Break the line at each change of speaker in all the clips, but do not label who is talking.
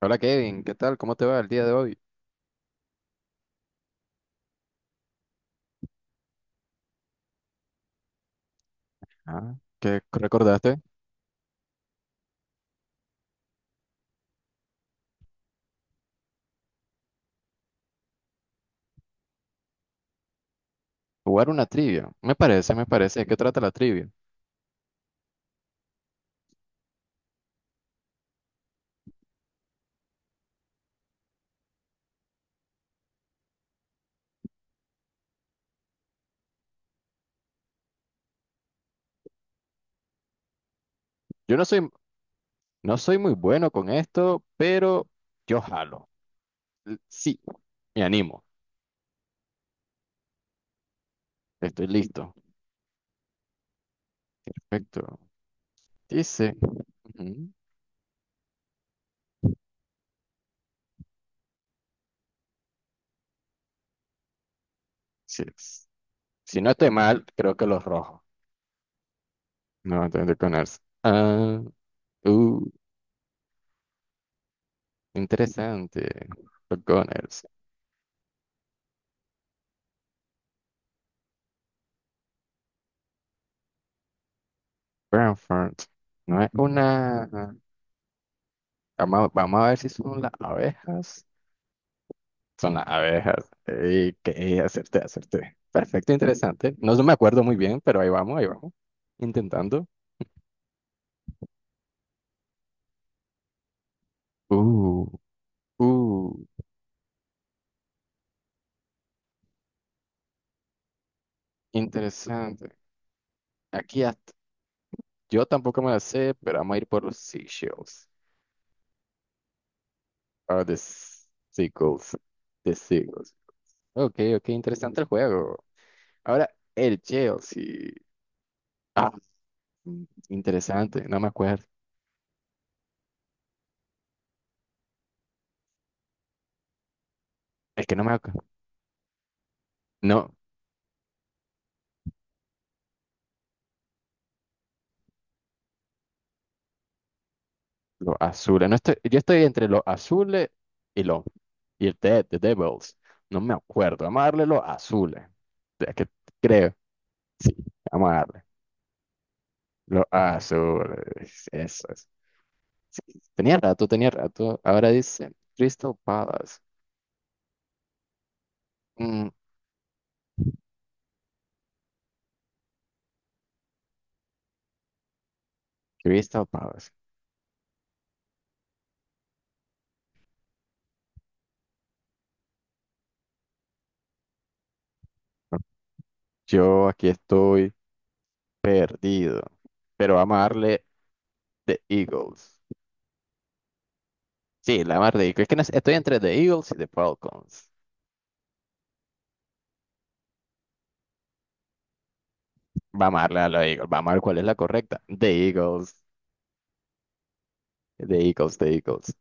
Hola Kevin, ¿qué tal? ¿Cómo te va el día de hoy? Ah, ¿qué recordaste? Jugar una trivia. Me parece, me parece. ¿De qué trata la trivia? Yo no soy muy bueno con esto, pero yo jalo. Sí, me animo. Estoy listo. Perfecto. Dice. Ujú, sí es. Si no estoy mal, creo que los rojos. No, entonces con Gunners. Ah, uh, interesante. Los Gunners. Brantford. No es una. Vamos a ver si son las abejas. Son las abejas. Ey, acerté, acerté. Perfecto, interesante. No me acuerdo muy bien, pero ahí vamos, ahí vamos. Intentando. Uh, uh, interesante. Aquí hasta- yo tampoco me la sé, pero vamos a ir por los seashells. O seagulls. The seagulls. Ok, ok, interesante el juego. Ahora, el Chelsea. Ah, mm, interesante, no me acuerdo. Es que no me acuerdo. No, los azules. No estoy, yo estoy entre los azules y los y el de The Devils. No me acuerdo. Vamos a darle los azules. Es que creo. Sí, vamos a darle. Los azules. Eso es. Sí, tenía rato, tenía rato. Ahora dice Crystal Palace. Mm, Crystal Palace. Yo aquí estoy perdido. Pero vamos a darle The Eagles. Sí, la más ridícula. Es que no sé, estoy entre The Eagles y The Falcons. Vamos a darle a los Eagles, vamos a ver cuál es la correcta. The Eagles, The Eagles, The Eagles.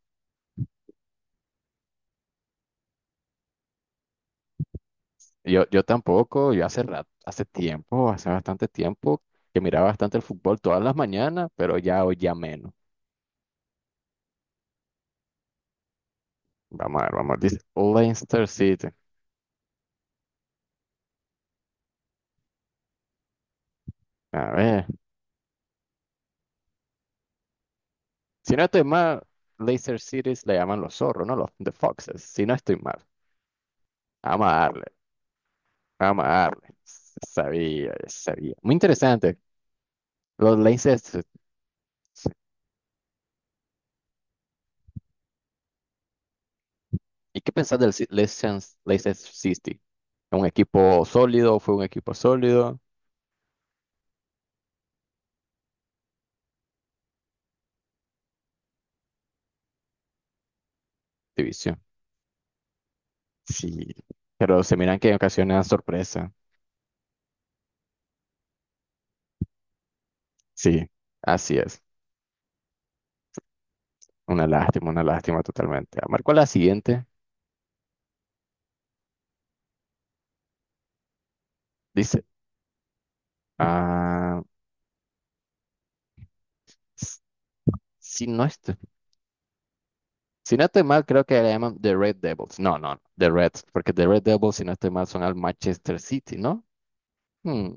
Yo tampoco, yo hace rato, hace tiempo, hace bastante tiempo que miraba bastante el fútbol todas las mañanas, pero ya hoy ya menos. Vamos a ver, vamos a ver. Dice Leicester City. A ver, si no estoy mal, Leicester City le llaman los zorros, ¿no? Los The Foxes, si no estoy mal. Vamos a darle, vamos a darle. Sabía, sabía. Muy interesante. Los Leicester. ¿Y qué pensás del Leicester City? ¿Un equipo sólido? ¿Fue un equipo sólido? División. Sí. Pero se miran que en ocasiones dan sorpresa. Sí, así es. Una lástima totalmente. Marco la siguiente. Dice, ah, s- si no estoy, si no estoy mal, creo que le llaman The Red Devils. No, no, The Reds, porque The Red Devils, si no estoy mal, son al Manchester City, ¿no? Hmm.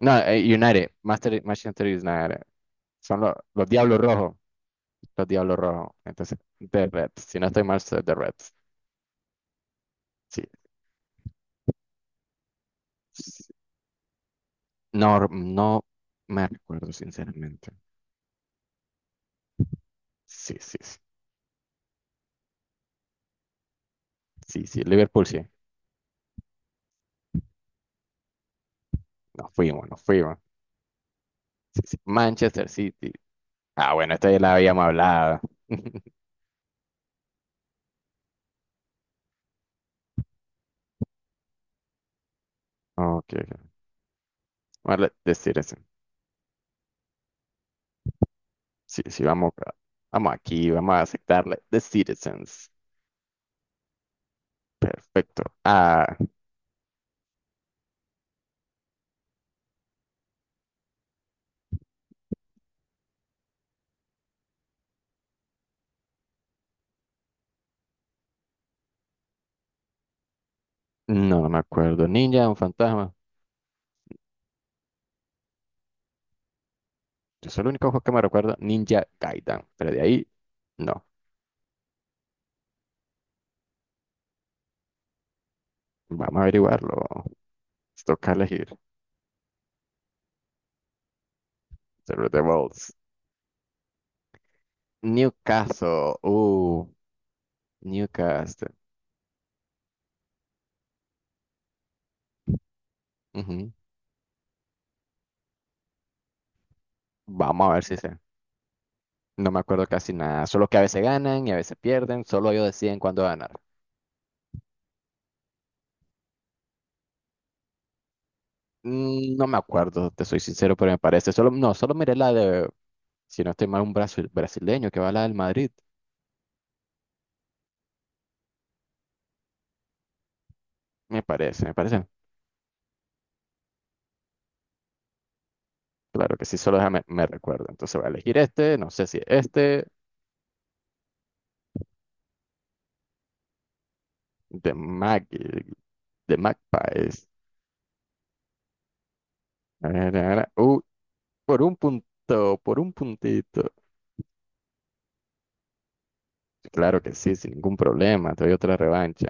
No, United, Manchester United. Son los Diablos Rojos. Los Diablos Rojos. Entonces, The Reds. Si no estoy mal, soy The Reds. Sí, sí. No, no me recuerdo, sinceramente. Sí, sí, sí. Sí, sí. Liverpool, sí. Nos fuimos, nos fuimos. Sí, sí. Manchester City. Ah, bueno, esta ya la habíamos hablado. Ok, ok. Vamos a The Citizens. Sí, sí, vamos, acá. Vamos aquí, vamos a aceptarle. The Citizens. Perfecto. Ah, no, no me acuerdo. Ninja, un fantasma. Yo soy el único juego que me recuerdo, Ninja Gaiden. Pero de ahí, no. Vamos a averiguarlo. Nos toca elegir. Sobre The Bolts. Newcastle. Newcastle. Ujú. Vamos a ver si sé. No me acuerdo casi nada. Solo que a veces ganan y a veces pierden. Solo ellos deciden cuándo ganar. No me acuerdo, te soy sincero, pero me parece. Solo, no, solo miré la de, si no estoy mal, un brasileño que va a la del Madrid. Me parece, me parece. Claro que sí, solo déjame, me recuerdo. Entonces voy a elegir este. No sé si este. De Mag. De Magpies. Uh, Por un punto, por un puntito. Claro que sí, sin ningún problema, te doy otra revancha.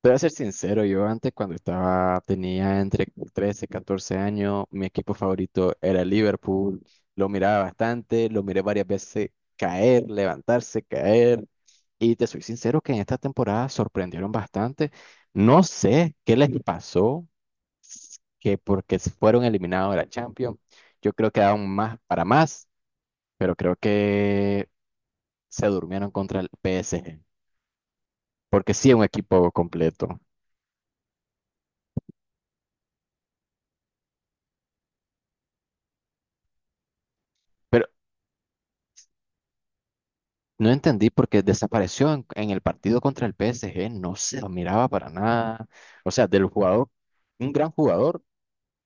Te voy a ser sincero, yo antes cuando estaba, tenía entre 13 y 14 años, mi equipo favorito era el Liverpool. Lo miraba bastante, lo miré varias veces caer, levantarse, caer. Y te soy sincero que en esta temporada sorprendieron bastante. No sé qué les pasó, que porque se fueron eliminados de la Champions. Yo creo que daban más para más, pero creo que se durmieron contra el PSG, porque sí es un equipo completo. Pero no entendí por qué desapareció en el partido contra el PSG, no se lo miraba para nada. O sea, del jugador, un gran jugador,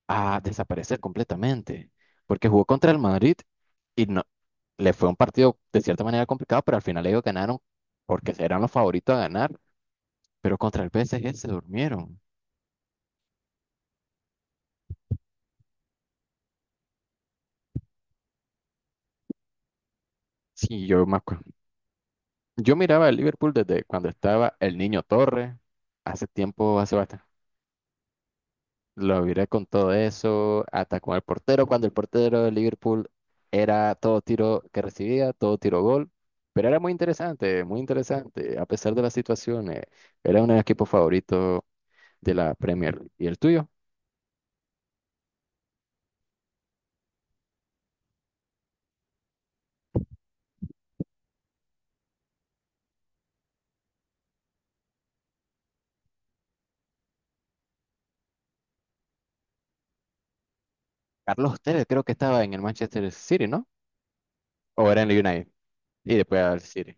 a desaparecer completamente, porque jugó contra el Madrid y no, le fue un partido de cierta manera complicado, pero al final ellos ganaron porque eran los favoritos a ganar, pero contra el PSG se durmieron. Sí, yo me acuerdo. Yo miraba el Liverpool desde cuando estaba el Niño Torre, hace tiempo, hace bastante. Lo viré con todo eso, atacó al portero cuando el portero de Liverpool era todo tiro que recibía, todo tiro gol, pero era muy interesante, a pesar de las situaciones, era un equipo favorito de la Premier League. ¿Y el tuyo? Carlos, ustedes creo que estaba en el Manchester City, ¿no? O era en el United y después al City.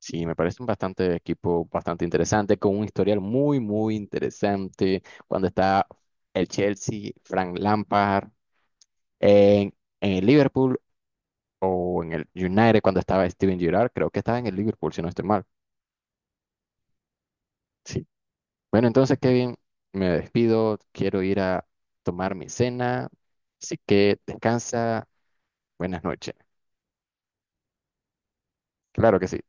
Sí, me parece un bastante equipo bastante interesante, con un historial muy, muy interesante. Cuando está el Chelsea, Frank Lampard. en, en el Liverpool o en el United cuando estaba Steven Gerrard. Creo que estaba en el Liverpool, si no estoy mal. Sí. Bueno, entonces, Kevin, me despido. Quiero ir a tomar mi cena. Así que descansa. Buenas noches. Claro que sí.